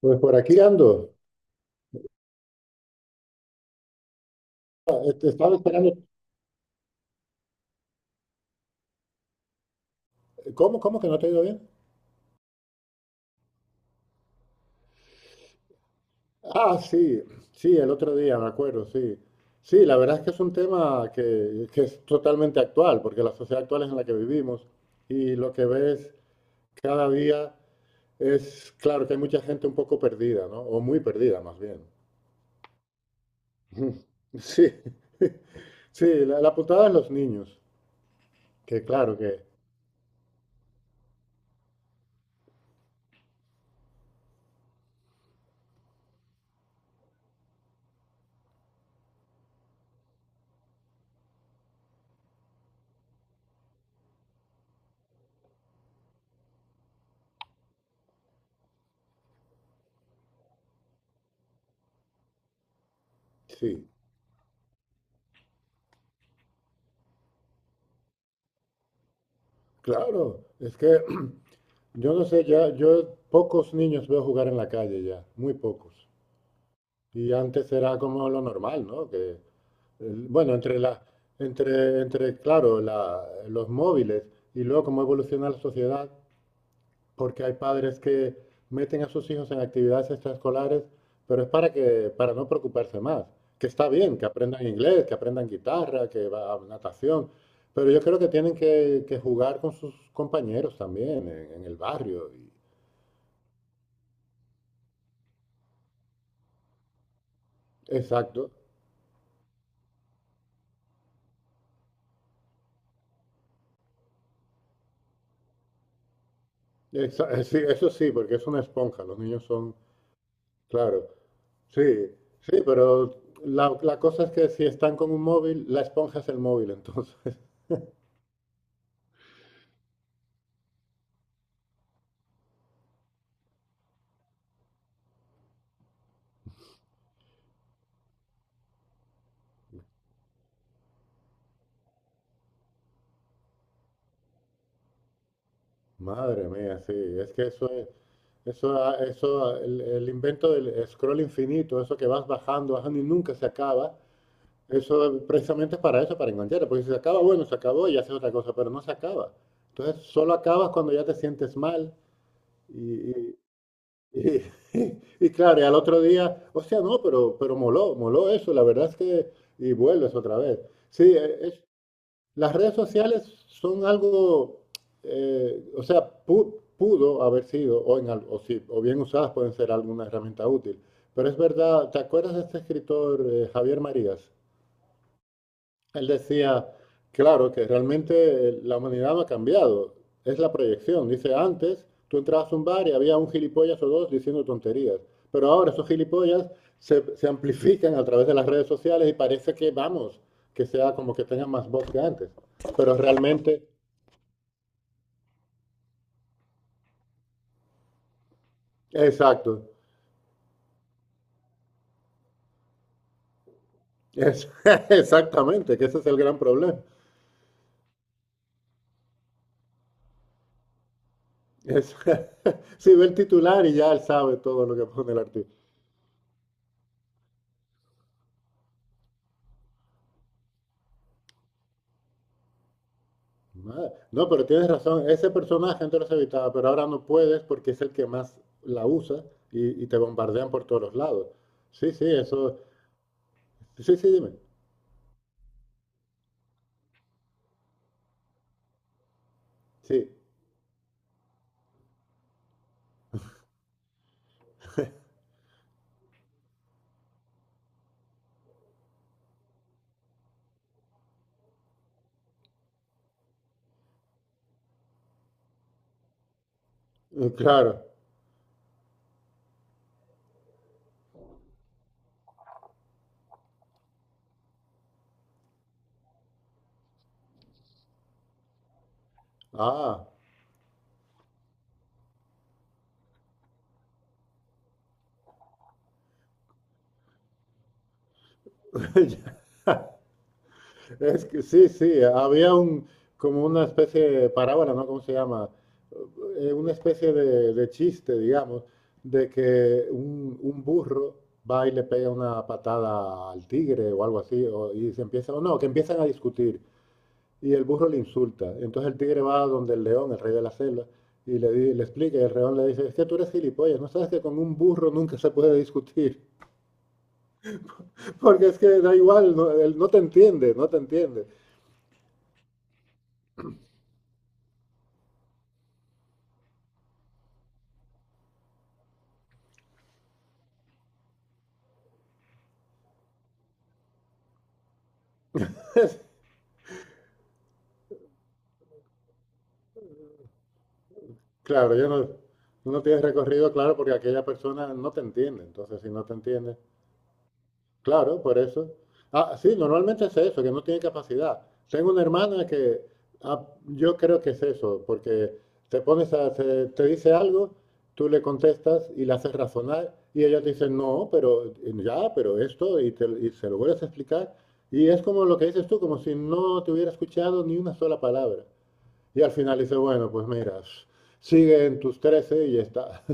Pues por aquí ando. Estaba esperando. ¿Cómo, cómo que no te ha ido bien? Ah, sí, sí, el otro día, me acuerdo, sí. Sí, la verdad es que es un tema que es totalmente actual, porque la sociedad actual es en la que vivimos y lo que ves cada día es, claro, que hay mucha gente un poco perdida, ¿no? O muy perdida, más bien. Sí, sí, la putada de los niños, que claro que, sí, claro, es que yo no sé, ya, yo pocos niños veo jugar en la calle ya, muy pocos. Y antes era como lo normal, ¿no? Que, bueno, entre la, entre, entre, claro, los móviles y luego cómo evoluciona la sociedad, porque hay padres que meten a sus hijos en actividades extraescolares, pero es para no preocuparse más. Que está bien, que aprendan inglés, que aprendan guitarra, que va a natación, pero yo creo que tienen que jugar con sus compañeros también en el barrio. Exacto. Sí, eso sí, porque es una esponja, los niños son, claro, sí, sí, pero la cosa es que si están con un móvil, la esponja es el móvil, entonces, madre mía, sí, es que eso es, eso, ha- el invento del scroll infinito, eso que vas bajando, bajando y nunca se acaba, eso precisamente es para eso, para engancharte, porque si se acaba, bueno, se acabó y haces otra cosa, pero no se acaba. Entonces, solo acabas cuando ya te sientes mal. Y y claro, y al otro día, o sea, no, pero moló, moló eso, la verdad es que, y vuelves otra vez. Sí, las redes sociales son algo, o sea, pudo haber sido, o, en al- o, si- o bien usadas pueden ser alguna herramienta útil, pero es verdad, ¿te acuerdas de este escritor Javier Marías? Él decía, claro, que realmente la humanidad no ha cambiado, es la proyección. Dice, antes tú entrabas a un bar y había un gilipollas o dos diciendo tonterías, pero ahora esos gilipollas se amplifican a través de las redes sociales y parece que, vamos, que sea como que tengan más voz que antes. Pero realmente, exacto, es- exactamente, que ese es el gran problema. Es, si ve el titular y ya él sabe todo lo que pone el artículo. Madre. No, pero tienes razón. Ese personaje antes los evitaba, pero ahora no puedes porque es el que más la usa y te bombardean por todos los lados. Sí, sí, eso. Sí, sí, dime. Sí, claro. Ah, es que sí, sí. Había un como una especie de parábola, ¿no? ¿Cómo se llama? Una especie de chiste, digamos, de que un burro va y le pega una patada al tigre o algo así, y se empieza, o no, que empiezan a discutir. Y el burro le insulta. Entonces el tigre va donde el león, el rey de la selva, y le, le explica, y el león le dice, es que tú eres gilipollas, no sabes que con un burro nunca se puede discutir, porque es que da igual, no, él no te entiende, no te entiende. Claro, yo no, no tienes recorrido, claro, porque aquella persona no te entiende, entonces si no te entiende. Claro, por eso. Ah, sí, normalmente es eso, que no tiene capacidad. Tengo una hermana que ah, yo creo que es eso, porque te pones a te dice algo, tú le contestas y la haces razonar y ella te dice, no, pero ya, pero esto, y se lo vuelves a explicar. Y es como lo que dices tú, como si no te hubiera escuchado ni una sola palabra. Y al final dice, bueno, pues mira, sigue en tus trece y ya está.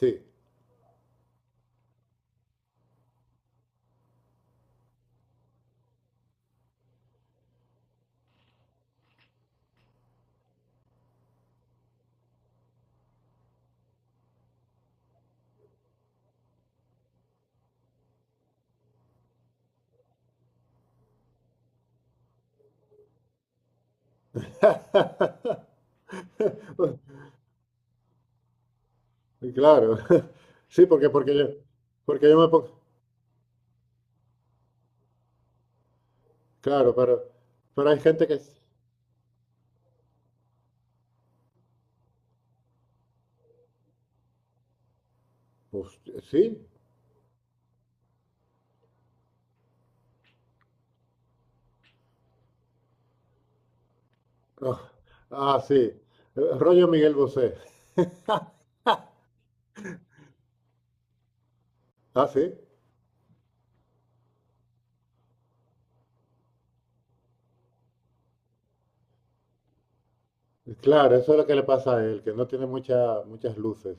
Sí. Y claro, sí, yo, porque yo me pongo. Claro, pero hay gente que. Pues, sí, ah, ah, sí, rollo Miguel Bosé. Ah, sí, claro, eso es lo que le pasa a él, que no tiene muchas luces.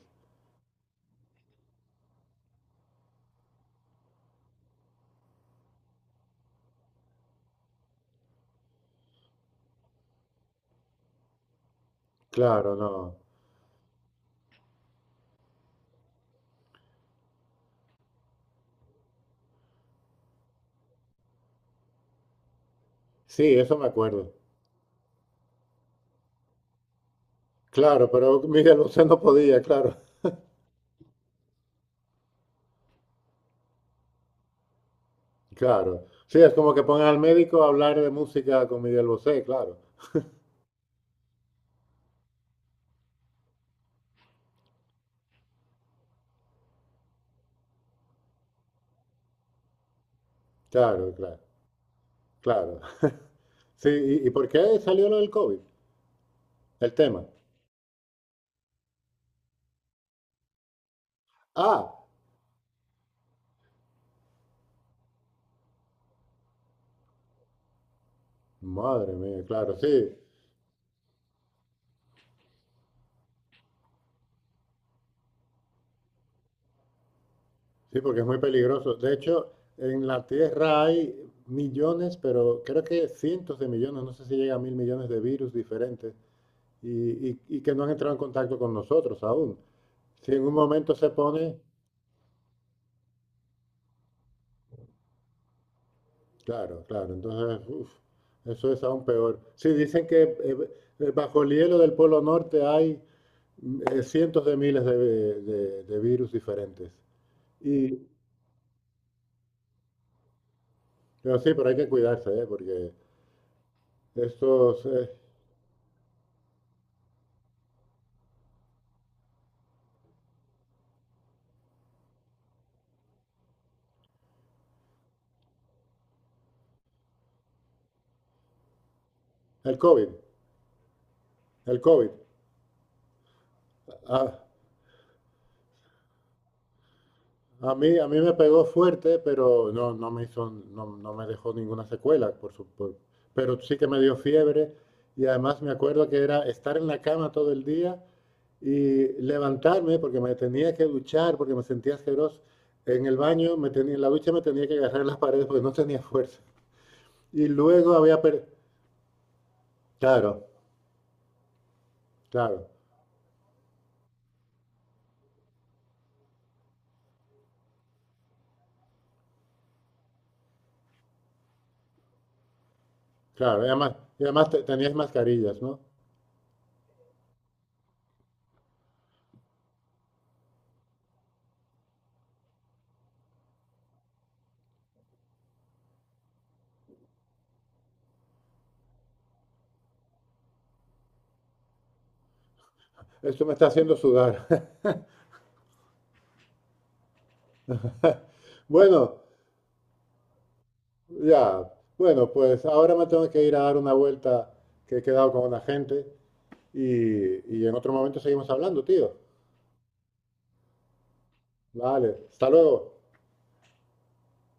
Claro, no. Sí, eso me acuerdo. Claro, pero Miguel Bosé no podía, claro, claro. Sí, es como que pongan al médico a hablar de música con Miguel Bosé, claro, claro, claro, claro. Sí, y por qué salió lo del COVID? El tema. Ah. Madre mía, claro, sí, sí, porque es muy peligroso. De hecho, en la Tierra hay millones, pero creo que cientos de millones, no sé si llega a mil millones de virus diferentes y que no han entrado en contacto con nosotros aún. Si en un momento se pone, claro, claro, entonces, uf, eso es aún peor. Sí, dicen que bajo el hielo del Polo Norte hay cientos de miles de virus diferentes. Y, pero sí, pero hay que cuidarse, ¿eh? Porque... Estos, el COVID, el COVID. A, a mí me pegó fuerte, pero no, no me hizo, no, no me dejó ninguna secuela, por supuesto. Pero sí que me dio fiebre y además me acuerdo que era estar en la cama todo el día y levantarme porque me tenía que duchar, porque me sentía asqueroso. En la ducha me tenía que agarrar las paredes porque no tenía fuerza. Y luego había... per- claro, claro, claro. Y además te- tenías mascarillas, ¿no? Esto me está haciendo sudar. Bueno, ya, bueno, pues ahora me tengo que ir a dar una vuelta que he quedado con una gente y en otro momento seguimos hablando, tío. Vale, hasta luego.